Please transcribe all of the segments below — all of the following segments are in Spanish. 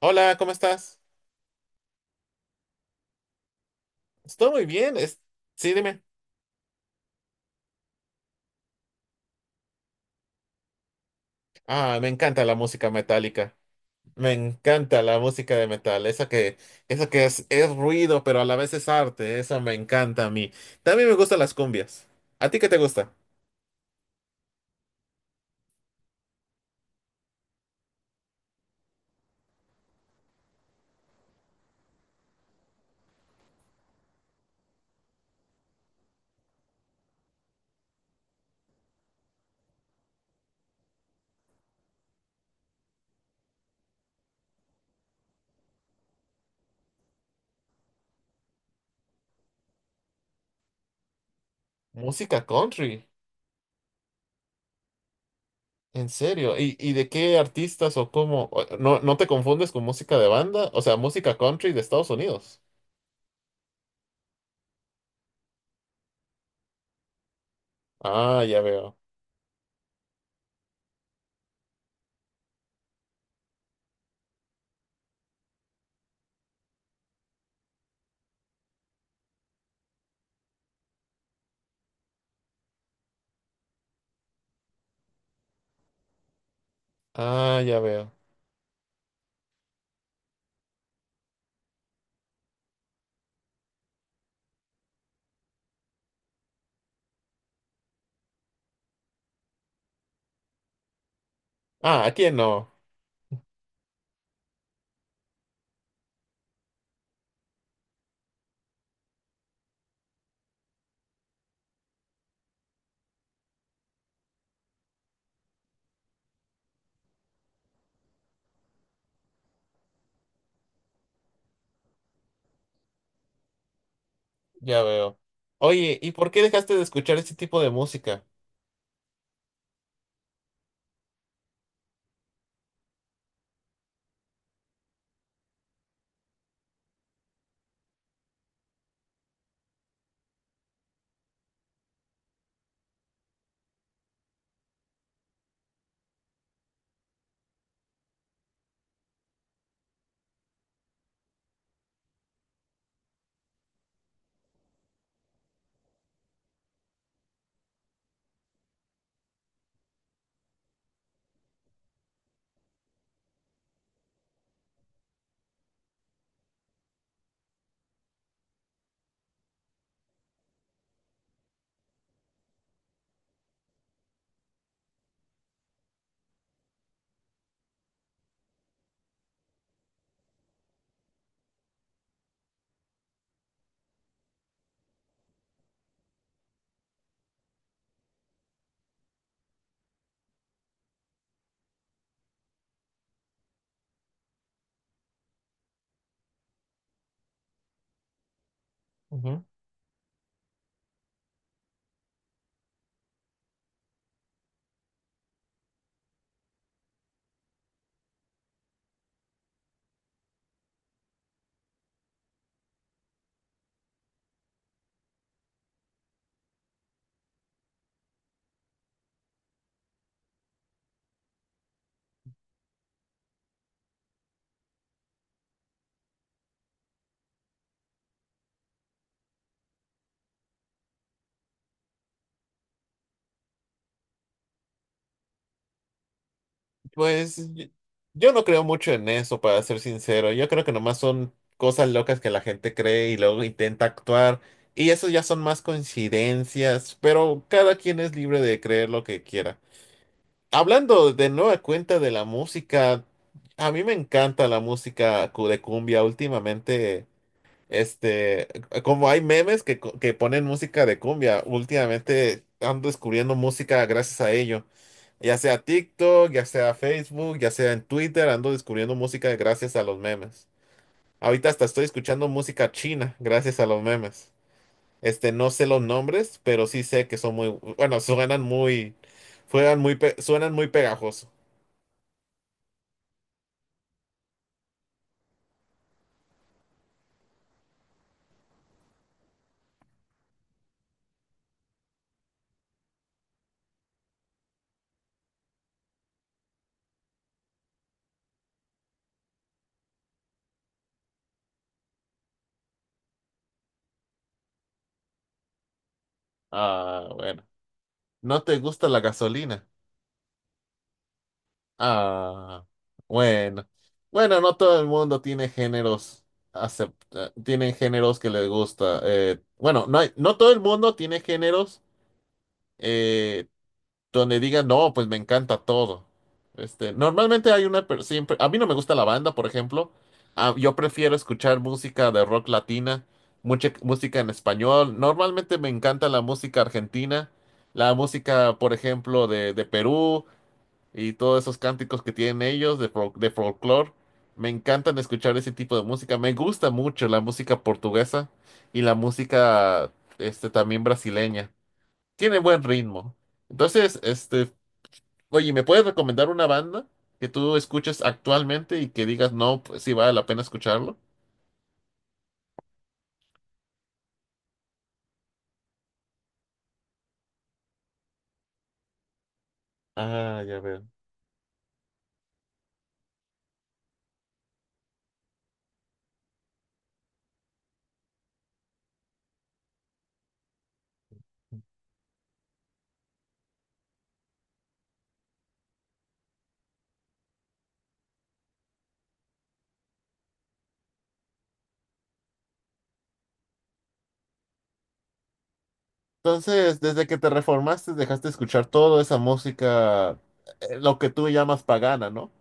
Hola, ¿cómo estás? Estoy muy bien. Es... Sí, dime. Ah, me encanta la música metálica. Me encanta la música de metal. Esa que es ruido, pero a la vez es arte. Esa me encanta a mí. También me gustan las cumbias. ¿A ti qué te gusta? Música country. ¿En serio? ¿Y de qué artistas o cómo? ¿No te confundes con música de banda? O sea, música country de Estados Unidos. Ah, ya veo. Ah, ya veo. Ah, a aquí no. Ya veo. Oye, ¿y por qué dejaste de escuchar este tipo de música? Ujú. Pues yo, yo no creo mucho en eso, para ser sincero. Yo creo que nomás son cosas locas que la gente cree y luego intenta actuar. Y eso ya son más coincidencias, pero cada quien es libre de creer lo que quiera. Hablando de nueva cuenta de la música, a mí me encanta la música de cumbia últimamente. Este, como hay memes que ponen música de cumbia, últimamente ando descubriendo música gracias a ello. Ya sea TikTok, ya sea Facebook, ya sea en Twitter, ando descubriendo música gracias a los memes. Ahorita hasta estoy escuchando música china gracias a los memes. Este, no sé los nombres, pero sí sé que son muy, bueno, suenan muy pegajoso. Ah, bueno. ¿No te gusta la gasolina? Ah, bueno. Bueno, no todo el mundo tiene géneros acepta, tienen géneros que les gusta. Bueno, no no todo el mundo tiene géneros eh, donde digan, no, pues me encanta todo. Este, normalmente hay siempre, a mí no me gusta la banda, por ejemplo. Ah, yo prefiero escuchar música de rock latina, mucha música en español. Normalmente me encanta la música argentina, la música, por ejemplo, de Perú y todos esos cánticos que tienen ellos de folclore. Me encantan escuchar ese tipo de música. Me gusta mucho la música portuguesa y la música este, también brasileña. Tiene buen ritmo. Entonces, este, oye, ¿me puedes recomendar una banda que tú escuches actualmente y que digas, no, pues sí vale la pena escucharlo? Ah, ya veo. Entonces, desde que te reformaste, dejaste de escuchar toda esa música, lo que tú llamas pagana, ¿no?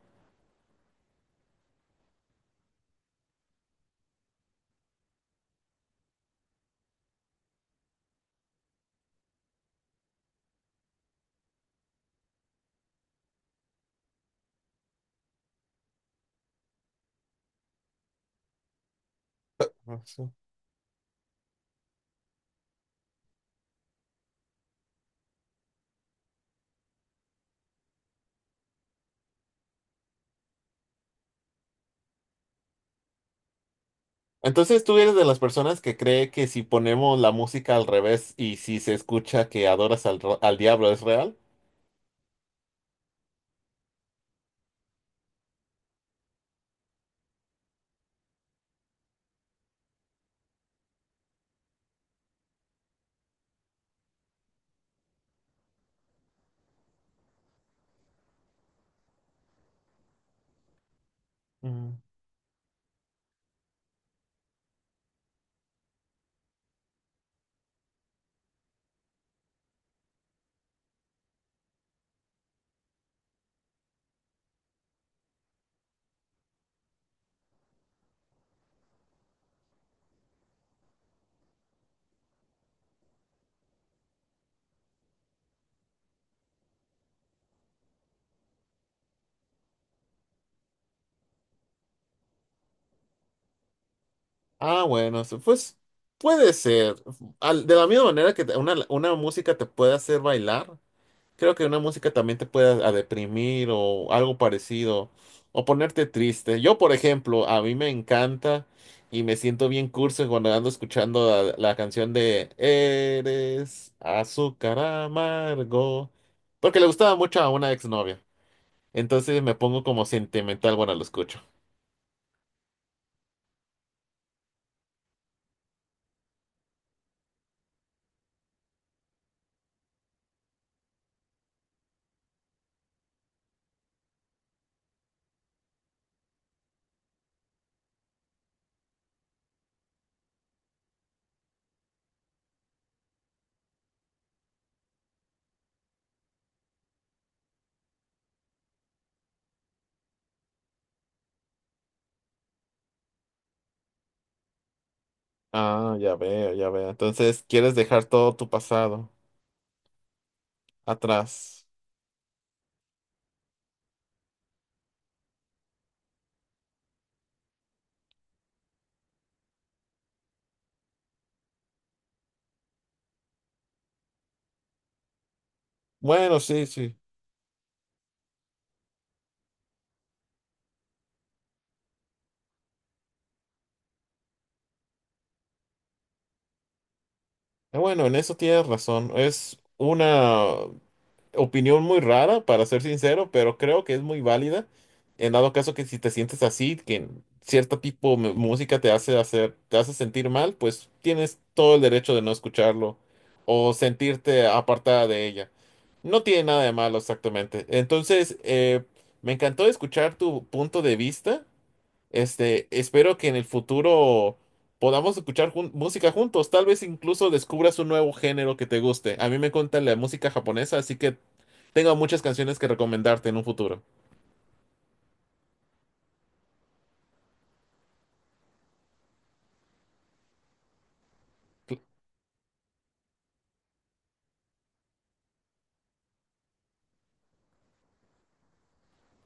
Entonces tú eres de las personas que cree que si ponemos la música al revés y si se escucha que adoras al diablo es real. Mm. Ah, bueno, pues puede ser. De la misma manera que una música te puede hacer bailar, creo que una música también te puede a deprimir o algo parecido, o ponerte triste. Yo, por ejemplo, a mí me encanta y me siento bien curso cuando ando escuchando la canción de Eres azúcar amargo, porque le gustaba mucho a una exnovia. Entonces me pongo como sentimental cuando lo escucho. Ah, ya veo, ya veo. Entonces quieres dejar todo tu pasado atrás. Bueno, sí, sí. Bueno, en eso tienes razón. Es una opinión muy rara, para ser sincero, pero creo que es muy válida. En dado caso que si te sientes así, que cierto tipo de música te hace hacer, te hace sentir mal, pues tienes todo el derecho de no escucharlo o sentirte apartada de ella. No tiene nada de malo exactamente. Entonces, me encantó escuchar tu punto de vista. Este, espero que en el futuro podamos escuchar música juntos. Tal vez incluso descubras un nuevo género que te guste. A mí me encanta la música japonesa, así que tengo muchas canciones que recomendarte en un futuro. Cu-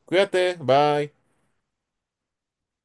Cuídate, bye.